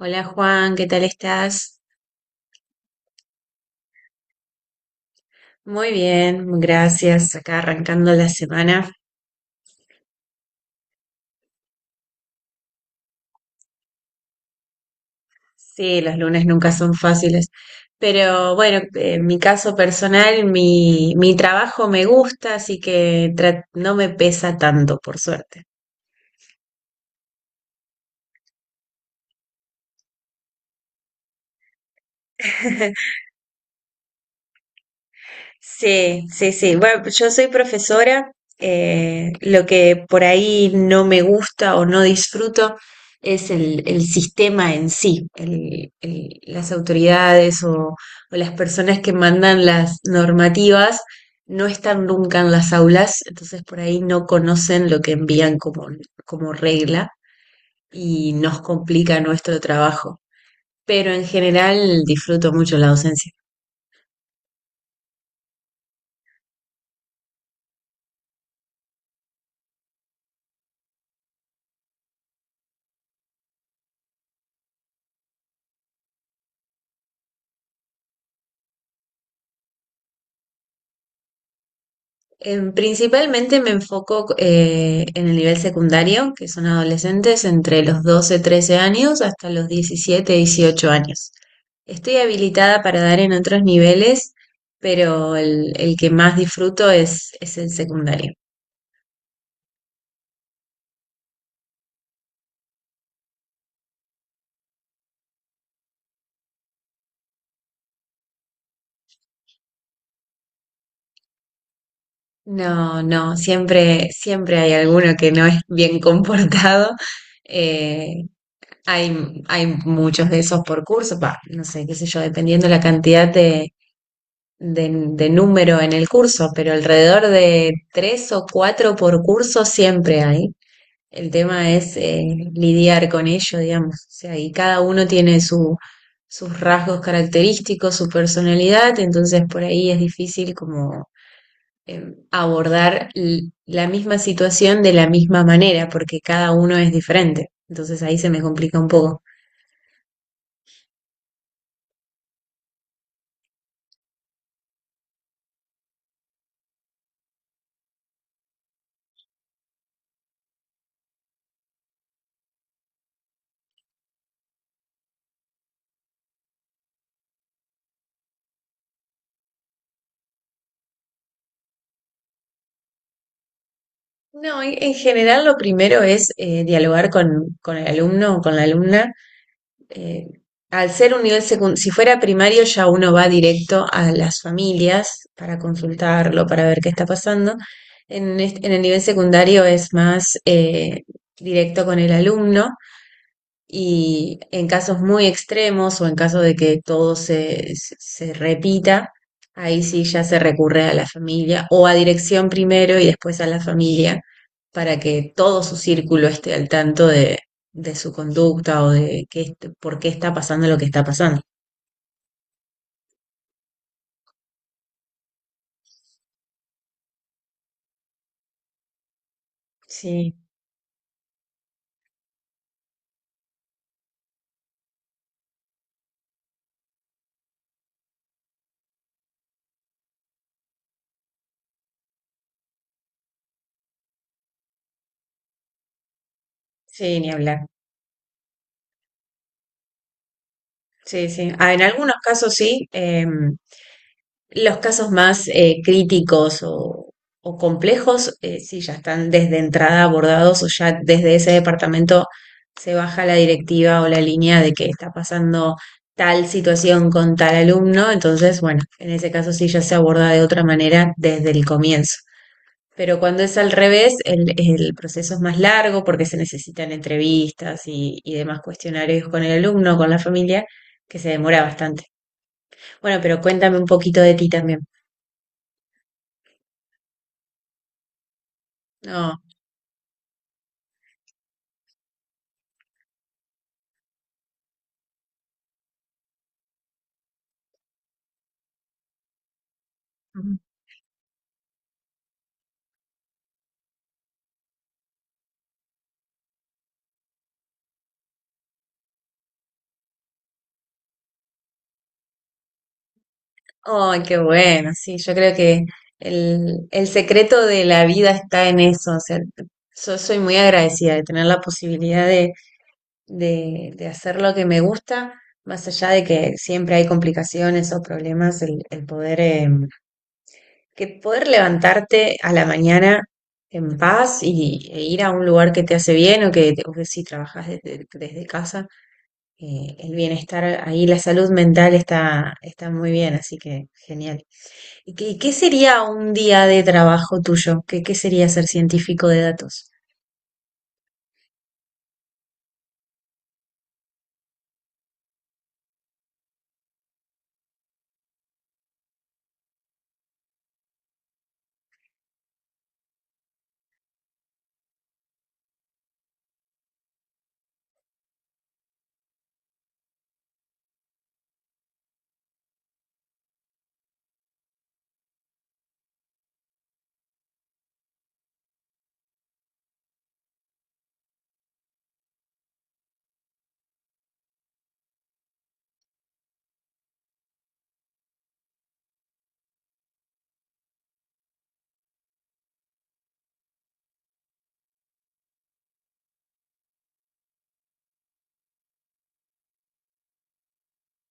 Hola Juan, ¿qué tal estás? Muy bien, gracias. Acá arrancando la semana. Sí, los lunes nunca son fáciles, pero bueno, en mi caso personal, mi trabajo me gusta, así que no me pesa tanto, por suerte. Sí, sí, sí. Bueno, yo soy profesora. Lo que por ahí no me gusta o no disfruto es el sistema en sí, las autoridades o las personas que mandan las normativas no están nunca en las aulas, entonces por ahí no conocen lo que envían como, como regla y nos complica nuestro trabajo. Pero en general disfruto mucho la docencia. Principalmente me enfoco en el nivel secundario, que son adolescentes entre los 12, 13 años hasta los 17, 18 años. Estoy habilitada para dar en otros niveles, pero el que más disfruto es el secundario. No, no, siempre, siempre hay alguno que no es bien comportado. Eh, Hay, hay muchos de esos por curso, pa, no sé, qué sé yo, dependiendo la cantidad de de número en el curso, pero alrededor de tres o cuatro por curso siempre hay. El tema es lidiar con ello, digamos. O sea, y cada uno tiene su, sus rasgos característicos, su personalidad, entonces por ahí es difícil como abordar la misma situación de la misma manera, porque cada uno es diferente. Entonces ahí se me complica un poco. No, en general lo primero es dialogar con el alumno o con la alumna eh, al ser un nivel secundario, si fuera primario ya uno va directo a las familias para consultarlo, para ver qué está pasando. En el nivel secundario es más directo con el alumno y en casos muy extremos o en caso de que todo se repita, ahí sí ya se recurre a la familia o a dirección primero y después a la familia para que todo su círculo esté al tanto de su conducta o de qué, por qué está pasando lo que está pasando. Sí, sí, ni hablar. Sí, sí. Ah, en algunos casos sí. Los casos más críticos o complejos, sí, ya están desde entrada abordados o ya desde ese departamento se baja la directiva o la línea de que está pasando tal situación con tal alumno. Entonces, bueno, en ese caso sí ya se aborda de otra manera desde el comienzo. Pero cuando es al revés, el proceso es más largo porque se necesitan entrevistas y demás cuestionarios con el alumno, con la familia, que se demora bastante. Bueno, pero cuéntame un poquito de ti también. No, Ujú. Ay, qué bueno, sí, yo creo que el secreto de la vida está en eso, o sea, yo soy muy agradecida de tener la posibilidad de hacer lo que me gusta, más allá de que siempre hay complicaciones o problemas, el poder, que poder levantarte a la mañana en paz y, e ir a un lugar que te hace bien o que si trabajas desde casa, el bienestar ahí, la salud mental está, está muy bien, así que genial. ¿Y qué, qué sería un día de trabajo tuyo? ¿Qué, qué sería ser científico de datos?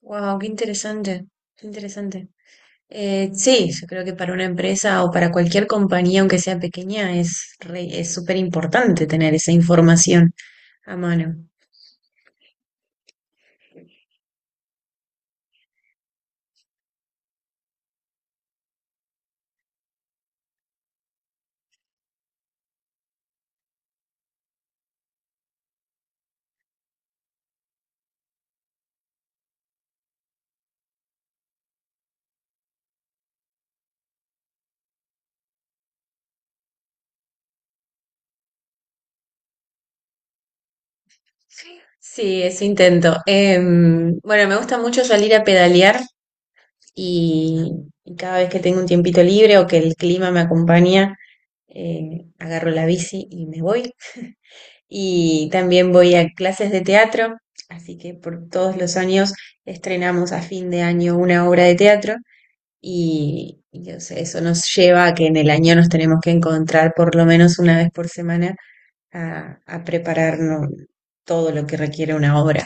Wow, qué interesante, qué interesante. Sí, yo creo que para una empresa o para cualquier compañía, aunque sea pequeña, es súper importante tener esa información a mano. Sí, eso intento. Bueno, me gusta mucho salir a pedalear y, y cada vez que tengo un tiempito libre o que el clima me acompaña, agarro la bici y me voy. Y también voy a clases de teatro, así que por todos los años estrenamos a fin de año una obra de teatro y, o sea, eso nos lleva a que en el año nos tenemos que encontrar por lo menos una vez por semana a prepararnos todo lo que requiere una obra.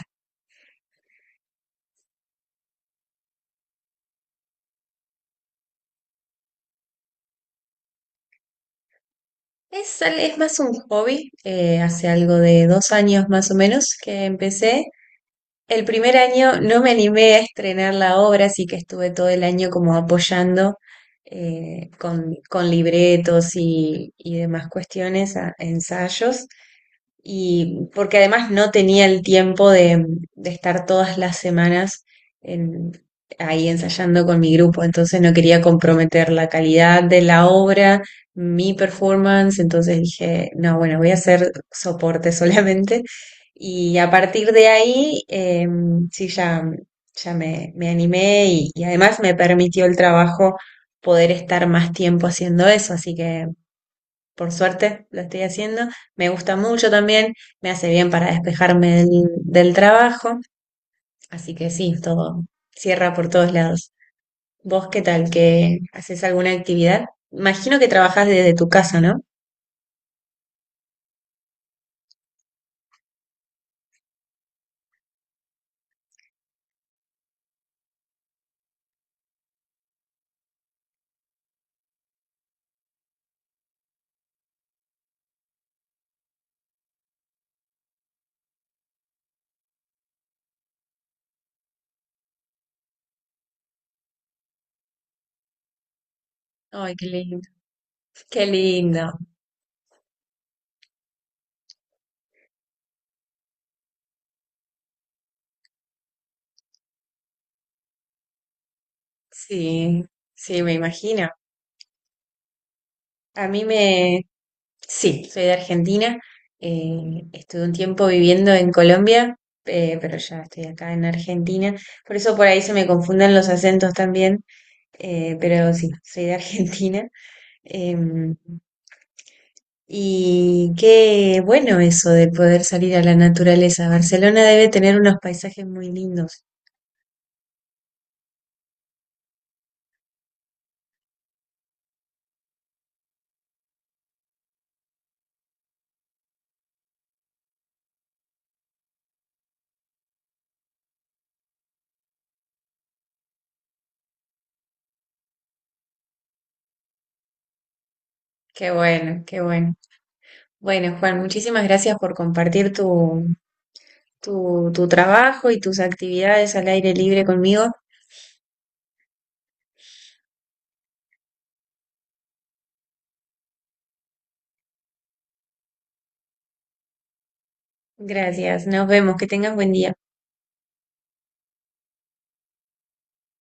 Es más un hobby, hace algo de 2 años más o menos que empecé. El primer año no me animé a estrenar la obra, así que estuve todo el año como apoyando con libretos y demás cuestiones, ensayos y porque además no tenía el tiempo de estar todas las semanas en- ahí ensayando con mi grupo, entonces no quería comprometer la calidad de la obra, mi performance, entonces dije, no, bueno, voy a hacer soporte solamente y a partir de ahí sí ya, ya me animé y además me permitió el trabajo poder estar más tiempo haciendo eso, así que por suerte lo estoy haciendo. Me gusta mucho también, me hace bien para despejarme del, del trabajo. Así que sí, todo cierra por todos lados. ¿Vos qué tal? ¿Que haces alguna actividad? Imagino que trabajás desde tu casa, ¿no? Ay, qué lindo. Qué lindo. Sí, sí, me imagino. A mí me... Sí, soy de Argentina. Estuve un tiempo viviendo en Colombia, pero ya estoy acá en Argentina. Por eso por ahí se me confunden los acentos también. Pero sí, soy de Argentina. em, y qué bueno eso de poder salir a la naturaleza. Barcelona debe tener unos paisajes muy lindos. Qué bueno, qué bueno. Bueno, Juan, muchísimas gracias por compartir tu, tu, tu trabajo y tus actividades al aire libre conmigo. Gracias, nos vemos, que tengas buen día.